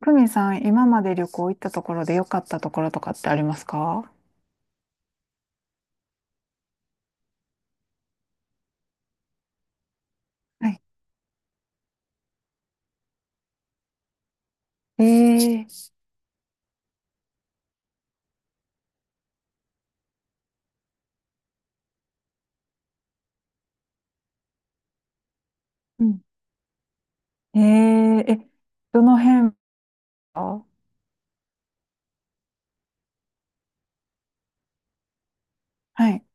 久美さん、今まで旅行行ったところで良かったところとかってありますか？はい。ええ。うん。えええ、どの辺は？はい。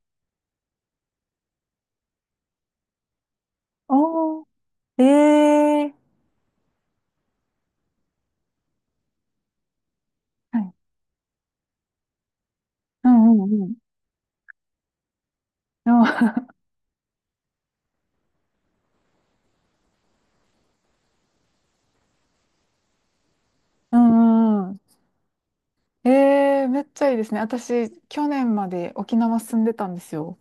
おー、ええ。はい。うんうんうん。うん。 うんうん。ええ、めっちゃいいですね。私、去年まで沖縄住んでたんですよ。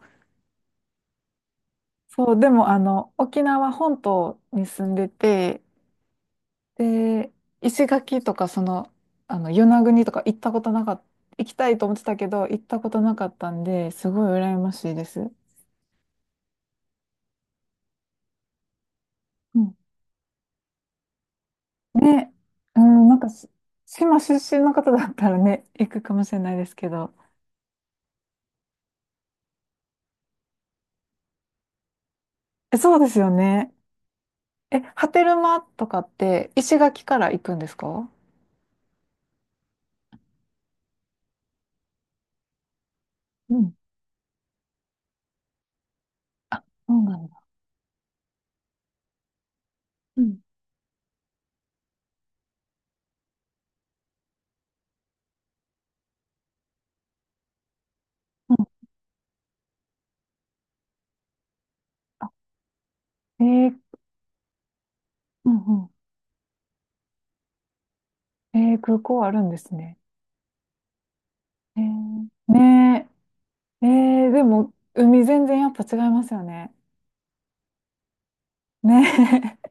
そう、でも、あの、沖縄本島に住んでて、で、石垣とか、その、あの、与那国とか行ったことなかった、行きたいと思ってたけど、行ったことなかったんで、すごい羨ましいです。うん。ね、うん、なんかし、島出身の方だったらね、行くかもしれないですけど。え、そうですよね。え、波照間とかって、石垣から行くんですか？うん、そうなんだ。うん、うん。あ、えー。うんうん。えー、空港あるんですね。えーね。え、えーでも、海全然やっぱ違いますよね。ねえ、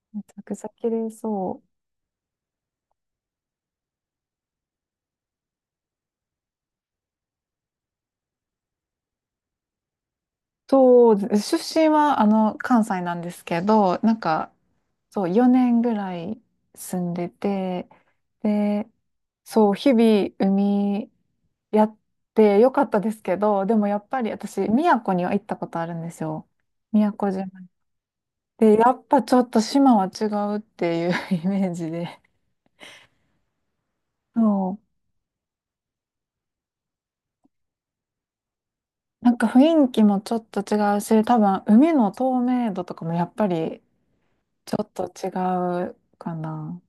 めちゃくちゃ綺麗そう。そう、出身はあの関西なんですけど、なんかそう4年ぐらい住んでて、で、そう日々海やってよかったですけど、でもやっぱり私宮古には行ったことあるんですよ。宮古島。で、やっぱちょっと島は違うっていう イメージで。そう。なんか雰囲気もちょっと違うし、多分海の透明度とかもやっぱりちょっと違うかな。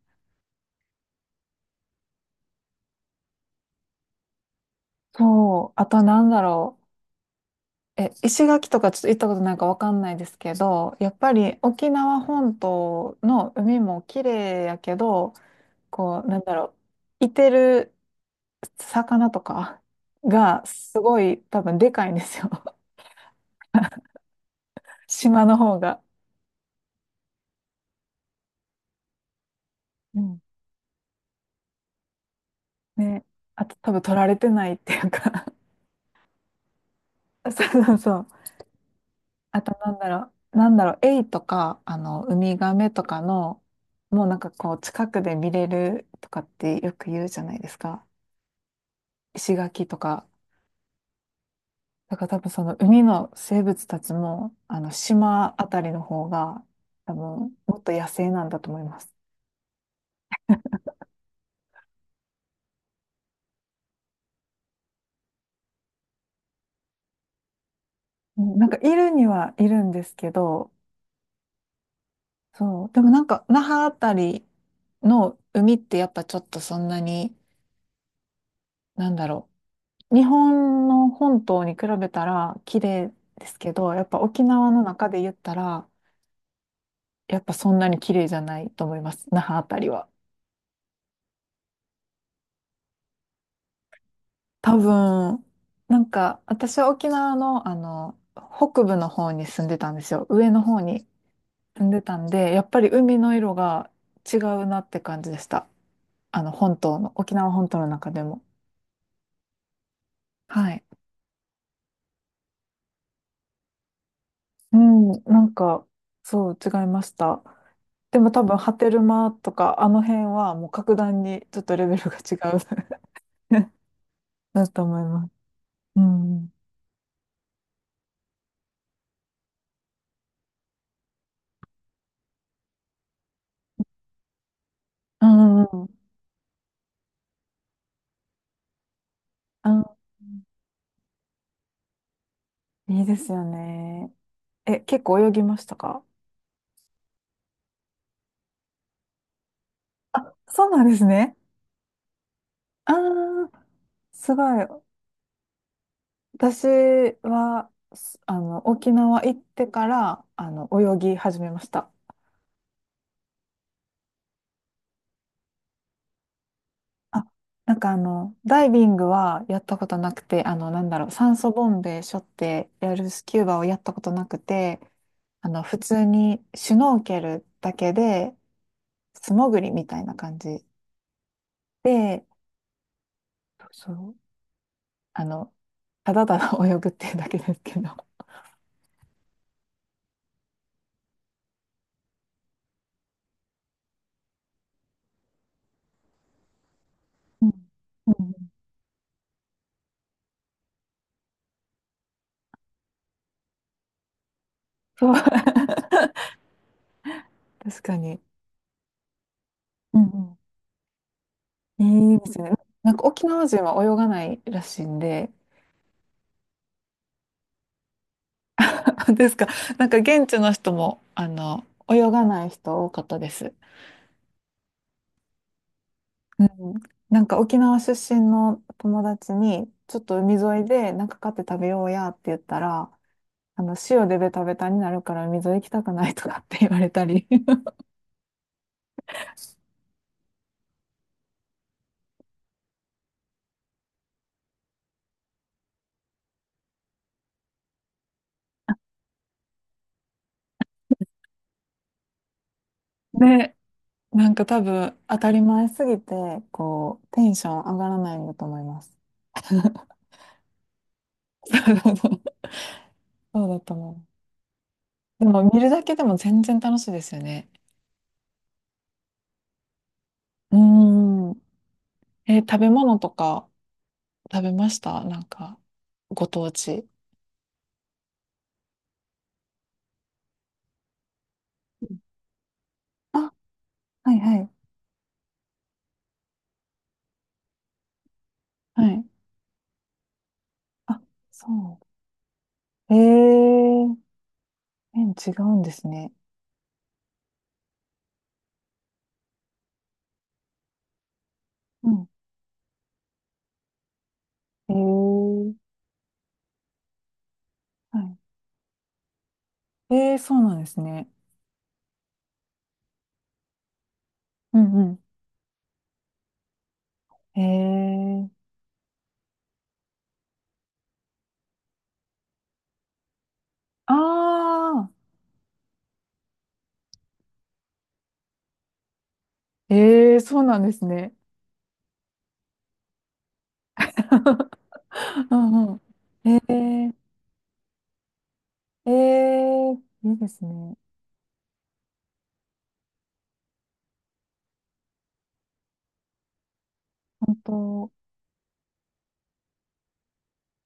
そう。あとなんだろう。え、石垣とかちょっと行ったことないかわかんないですけど、やっぱり沖縄本島の海も綺麗やけど、こう、なんだろう。いてる魚とかがすごい多分でかいんですよ。島の方が。うん。ね。あと多分取られてないっていうか。 そうそうそう。あとなんだろう、なんだろう、エイとか、あの、ウミガメとかの、もうなんかこう、近くで見れるとかってよく言うじゃないですか。石垣とか。だから多分その海の生物たちも、あの、島あたりの方が、多分、もっと野生なんだと思います。うん。なんか、いるにはいるんですけど、そう。でもなんか、那覇あたりの海ってやっぱちょっとそんなに、なんだろう、日本の本島に比べたら綺麗ですけど、やっぱ沖縄の中で言ったら、やっぱそんなに綺麗じゃないと思います。那覇あたりは。多分、なんか私は沖縄のあの、北部の方に住んでたんですよ。上の方に住んでたんで、やっぱり海の色が違うなって感じでした。あの、本島の、沖縄本島の中でも。はい。うん、なんか、そう、違いました。でも多分、ハテルマとか、あの辺はもう格段にちょっとレベルが違う だと思います。うん。うんうんうん。あ、いいですよね。え、結構泳ぎましたか？あ、そうなんですね。ああ、すごい。私は、す、あの、沖縄行ってから、あの、泳ぎ始めました。あ、なんかあの、ダイビングはやったことなくて、あの、なんだろう、酸素ボンベ背負ってやるスキューバをやったことなくて、あの、普通にシュノーケルだけで、素潜りみたいな感じで、そう、あの、ただただ泳ぐっていうだけですけど。うんうん。そう。確かに。うんうん、いいですね。なんか沖縄人は泳がないらしいんで、ですか。なんか現地の人も、あの、泳がない人多かったです。うん。なんか沖縄出身の友達に、ちょっと海沿いでなんか買って食べようやって言ったら、あの、塩でベタベタになるから海沿い行きたくないとかって言われたり。ね、なんか多分当たり前すぎて、こう、テンション上がらないんだと思います。そうだと思う。でも見るだけでも全然楽しいですよね。うーん。えー、食べ物とか食べました？なんか、ご当地。あ、はいはい。はい。あ、そう。えー、麺違うんですね。うん。えー、はい。えー、そうなんですね。うんうん。えー、あー、えー、そうなんですね。うんうん。えー、えー、いいですね。本当、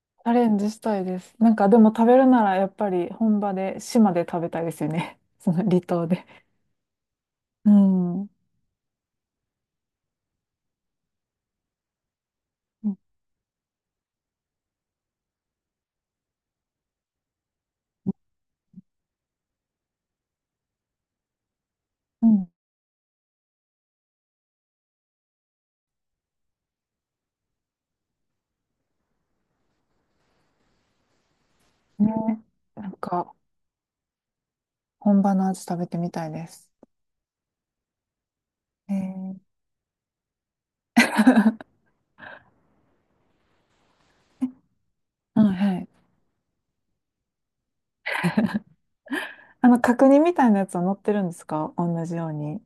チャレンジしたいです。なんかでも食べるならやっぱり本場で、島で食べたいですよね。その離島で。うん。うんうん。ね、なんか本場の味食べてみたいです。えー、は、はい。あの角煮みたいなやつは乗ってるんですか？同じように。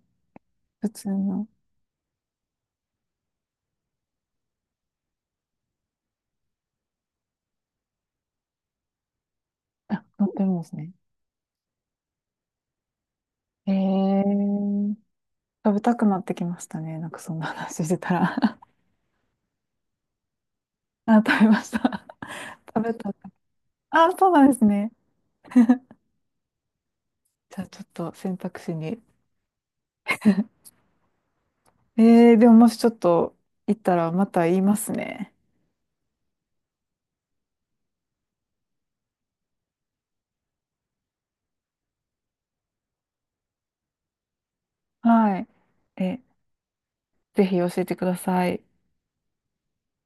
普通の。あ、乗ってるんですね。えー、食べたくなってきましたね。なんかそんな話してたら。 あ、食べました。食べた。あ、そうなんですね。じゃあちょっと選択肢に。えー、でももしちょっと行ったらまた言いますね。はい。え、ぜひ教えてください。